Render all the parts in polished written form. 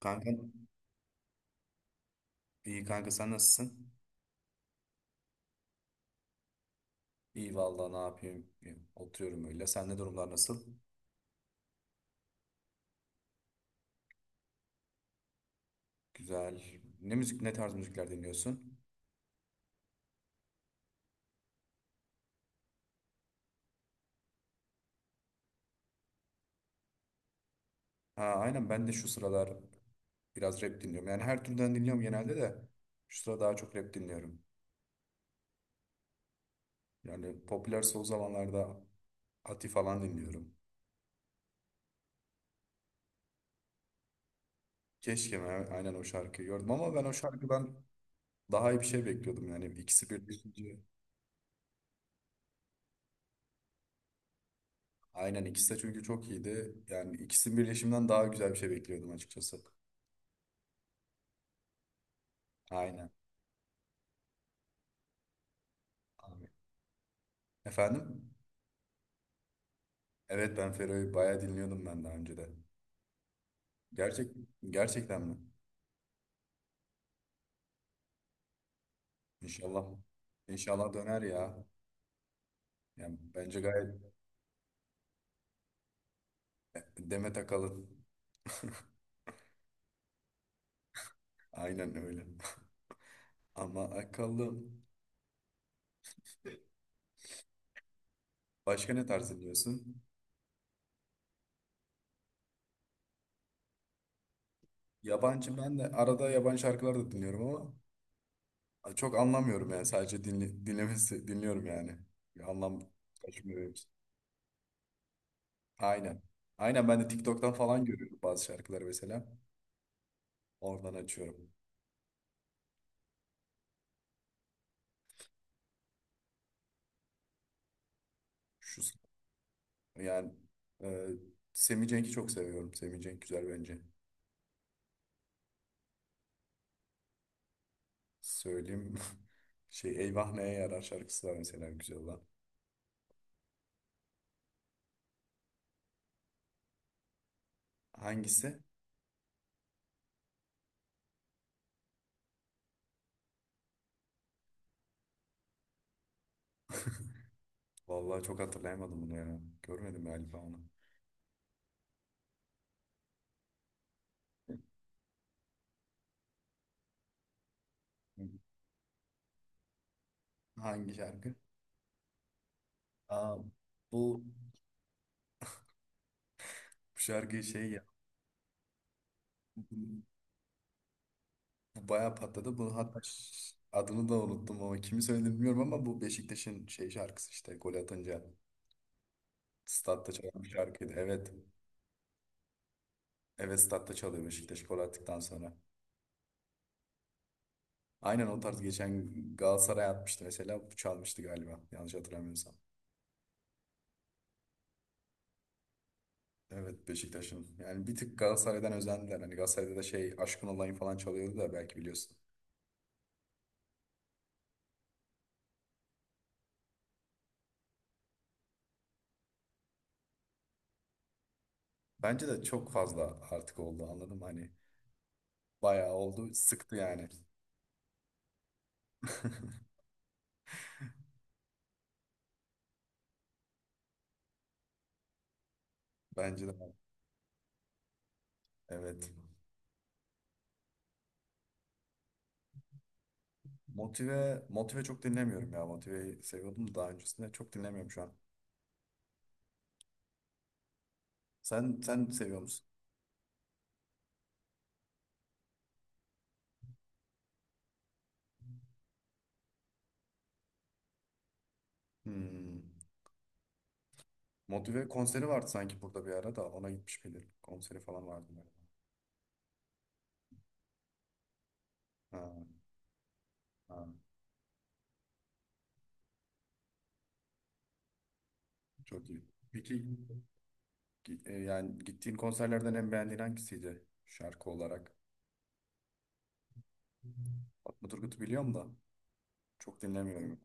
Kanka, iyi kanka sen nasılsın? İyi vallahi ne yapayım? Oturuyorum öyle. Sen ne durumlar nasıl? Güzel. Ne müzik, ne tarz müzikler dinliyorsun? Ha, aynen ben de şu sıralar biraz rap dinliyorum. Yani her türden dinliyorum genelde de şu sıra daha çok rap dinliyorum. Yani popüler son zamanlarda Ati falan dinliyorum. Keşke ben aynen o şarkıyı gördüm ama ben o şarkıdan daha iyi bir şey bekliyordum. Yani ikisi birleşince aynen ikisi de çünkü çok iyiydi. Yani ikisinin birleşiminden daha güzel bir şey bekliyordum açıkçası. Aynen. Abi. Efendim? Evet ben Fero'yu bayağı dinliyordum ben daha önce de. Gerçek, gerçekten mi? İnşallah. İnşallah döner ya. Yani bence gayet Demet Akalın. Aynen öyle. Ama akıllı. Başka ne tarz dinliyorsun? Yabancı ben de arada yabancı şarkılar da dinliyorum ama çok anlamıyorum yani sadece dinle, dinlemesi dinliyorum yani. Bir anlam taşımıyor benim için. Aynen. Aynen ben de TikTok'tan falan görüyorum bazı şarkıları mesela. Oradan açıyorum. Şu yani e, Semih Cenk'i çok seviyorum. Semih Cenk güzel bence. Söyleyeyim şey Eyvah Neye Yarar şarkısı var mesela güzel olan. Hangisi? Vallahi çok hatırlayamadım bunu ya. Görmedim galiba onu. Hangi şarkı? Aa, bu bu şarkı şey ya bu bayağı patladı. Bu hatta adını da unuttum ama kimi söylediğini bilmiyorum ama bu Beşiktaş'ın şey şarkısı işte gol atınca statta çalan bir şarkıydı. Evet. Evet statta çalıyor Beşiktaş gol attıktan sonra. Aynen o tarz geçen Galatasaray atmıştı mesela, çalmıştı galiba. Yanlış hatırlamıyorsam. Evet Beşiktaş'ın. Yani bir tık Galatasaray'dan özendiler. Hani Galatasaray'da da şey Aşkın Olayım falan çalıyordu da belki biliyorsun. Bence de çok fazla artık oldu anladım. Hani bayağı oldu. Sıktı yani. Bence de. Evet. Motive, motive çok dinlemiyorum ya. Motive'yi seviyordum da daha öncesinde. Çok dinlemiyorum şu an. Sen seviyor musun? Hmm. Motive konseri vardı sanki burada bir ara da ona gitmiş miydim. Konseri falan vardı galiba. Ha. Ha, çok iyi. Peki yani gittiğin konserlerden en beğendiğin hangisiydi şarkı olarak? Fatma Turgut'u biliyorum da çok dinlemiyorum.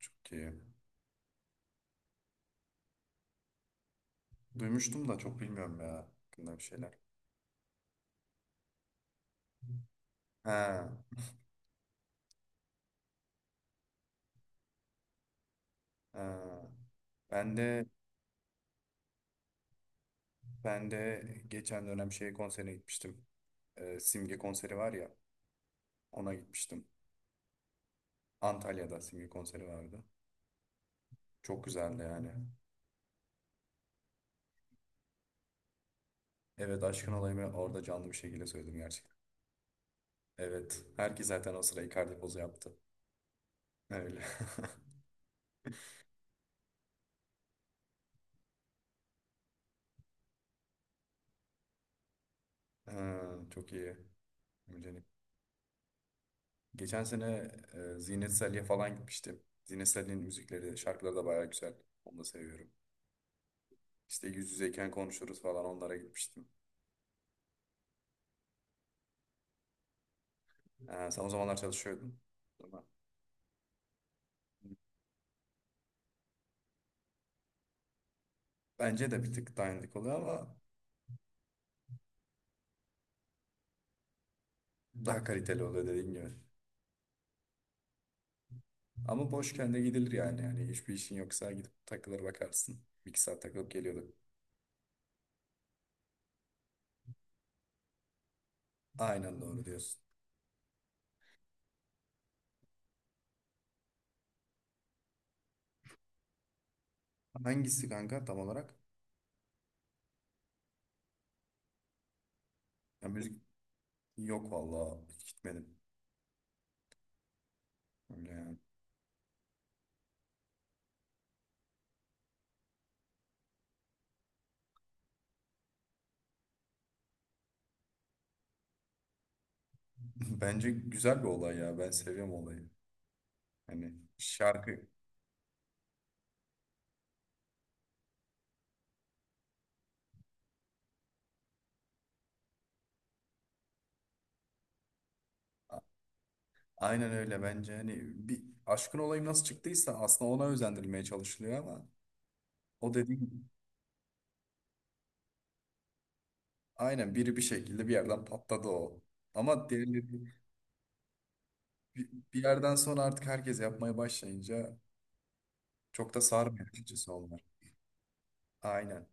Çok iyi. Duymuştum da çok bilmiyorum ya hakkında bir şeyler. Ha, ha. Ben de ben de geçen dönem şey konserine gitmiştim. Simge konseri var ya ona gitmiştim. Antalya'da Simge konseri vardı. Çok güzeldi yani. Evet aşkın olayımı orada canlı bir şekilde söyledim gerçekten. Evet. Herkes zaten o sıra Icardi pozu yaptı. Öyle. Ha, çok iyi. Müjdenim. Geçen sene Zinet Salih'e falan gitmiştim. Zinet Salih'in müzikleri, şarkıları da bayağı güzel. Onu da seviyorum. İşte yüz yüzeyken konuşuruz falan onlara gitmiştim. Ha, sen o zamanlar çalışıyordun, değil mi? Bence de bir tık dandik oluyor ama daha kaliteli oluyor dediğim gibi. Ama boşken de gidilir yani. Yani hiçbir işin yoksa gidip takılır bakarsın. Bir iki saat takılıp geliyorduk. Aynen doğru diyorsun. Hangisi kanka tam olarak? Ya müzik yok valla, hiç gitmedim. Öyle yani. Bence güzel bir olay ya. Ben seviyorum olayı. Hani şarkı aynen öyle bence hani bir aşkın olayı nasıl çıktıysa aslında ona özendirilmeye çalışılıyor ama o dediğin aynen biri bir şekilde bir yerden patladı o. Ama diğerleri bir, bir yerden sonra artık herkes yapmaya başlayınca çok da sarmıyor açıkçası onlar. Aynen.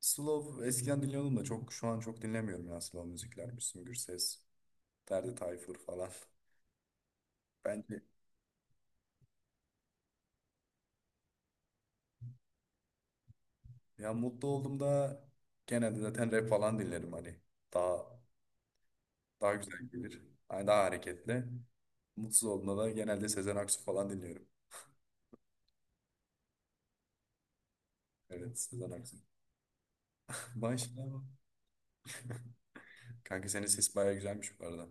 Slow eskiden dinliyordum da çok şu an çok dinlemiyorum ya slow müzikler. Müslüm Gürses, Ferdi Tayfur falan. Bence ya mutlu olduğumda genelde zaten rap falan dinlerim hani. Daha daha güzel gelir. Hani daha hareketli. Mutsuz olduğumda da genelde Sezen Aksu falan dinliyorum. Evet Sezen Aksu. Başka mı? Kanka senin ses bayağı güzelmiş bu arada.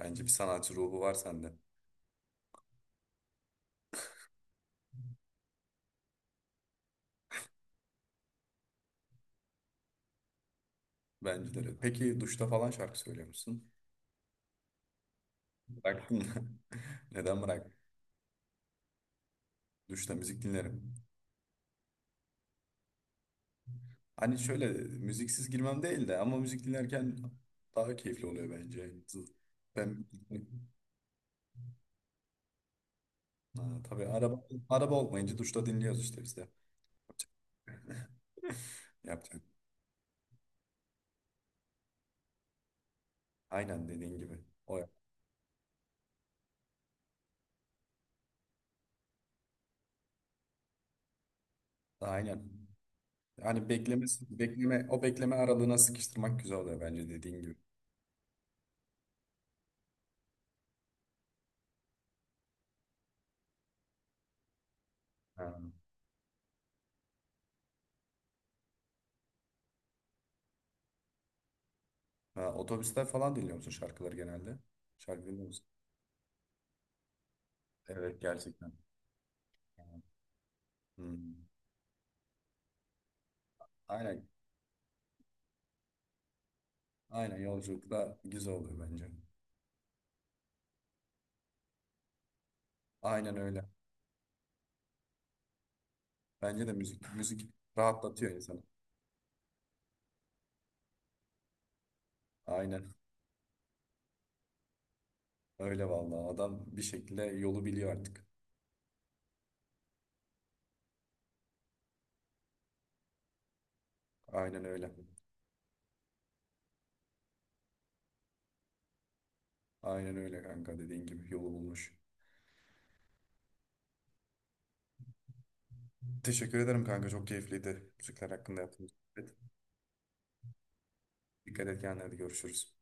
Bence bir sanatçı ruhu var sende. Bence de öyle. Peki duşta falan şarkı söylüyor musun? Bıraktın mı? Neden bırak? Duşta müzik dinlerim. Hani şöyle müziksiz girmem değil de ama müzik dinlerken daha keyifli oluyor bence. Ben ha, tabii araba olmayınca duşta dinliyoruz işte biz de. Yapacak. Yapacak. Aynen dediğin gibi. O ya. Aynen. Hani beklemesi, bekleme, o bekleme aralığına sıkıştırmak güzel oluyor bence dediğin gibi. Ha. Ha, otobüsler falan dinliyor musun şarkıları genelde? Şarkı dinliyor musun? Evet gerçekten. Ha. Hmm. Aynen. Aynen yolculukta güzel oluyor bence. Aynen öyle. Bence de müzik rahatlatıyor insanı. Aynen. Öyle vallahi adam bir şekilde yolu biliyor artık. Aynen öyle. Aynen öyle kanka dediğin gibi yolu bulmuş. Teşekkür ederim kanka çok keyifliydi. Müzikler hakkında yaptığımız sohbet. Dikkat et kendine hadi görüşürüz.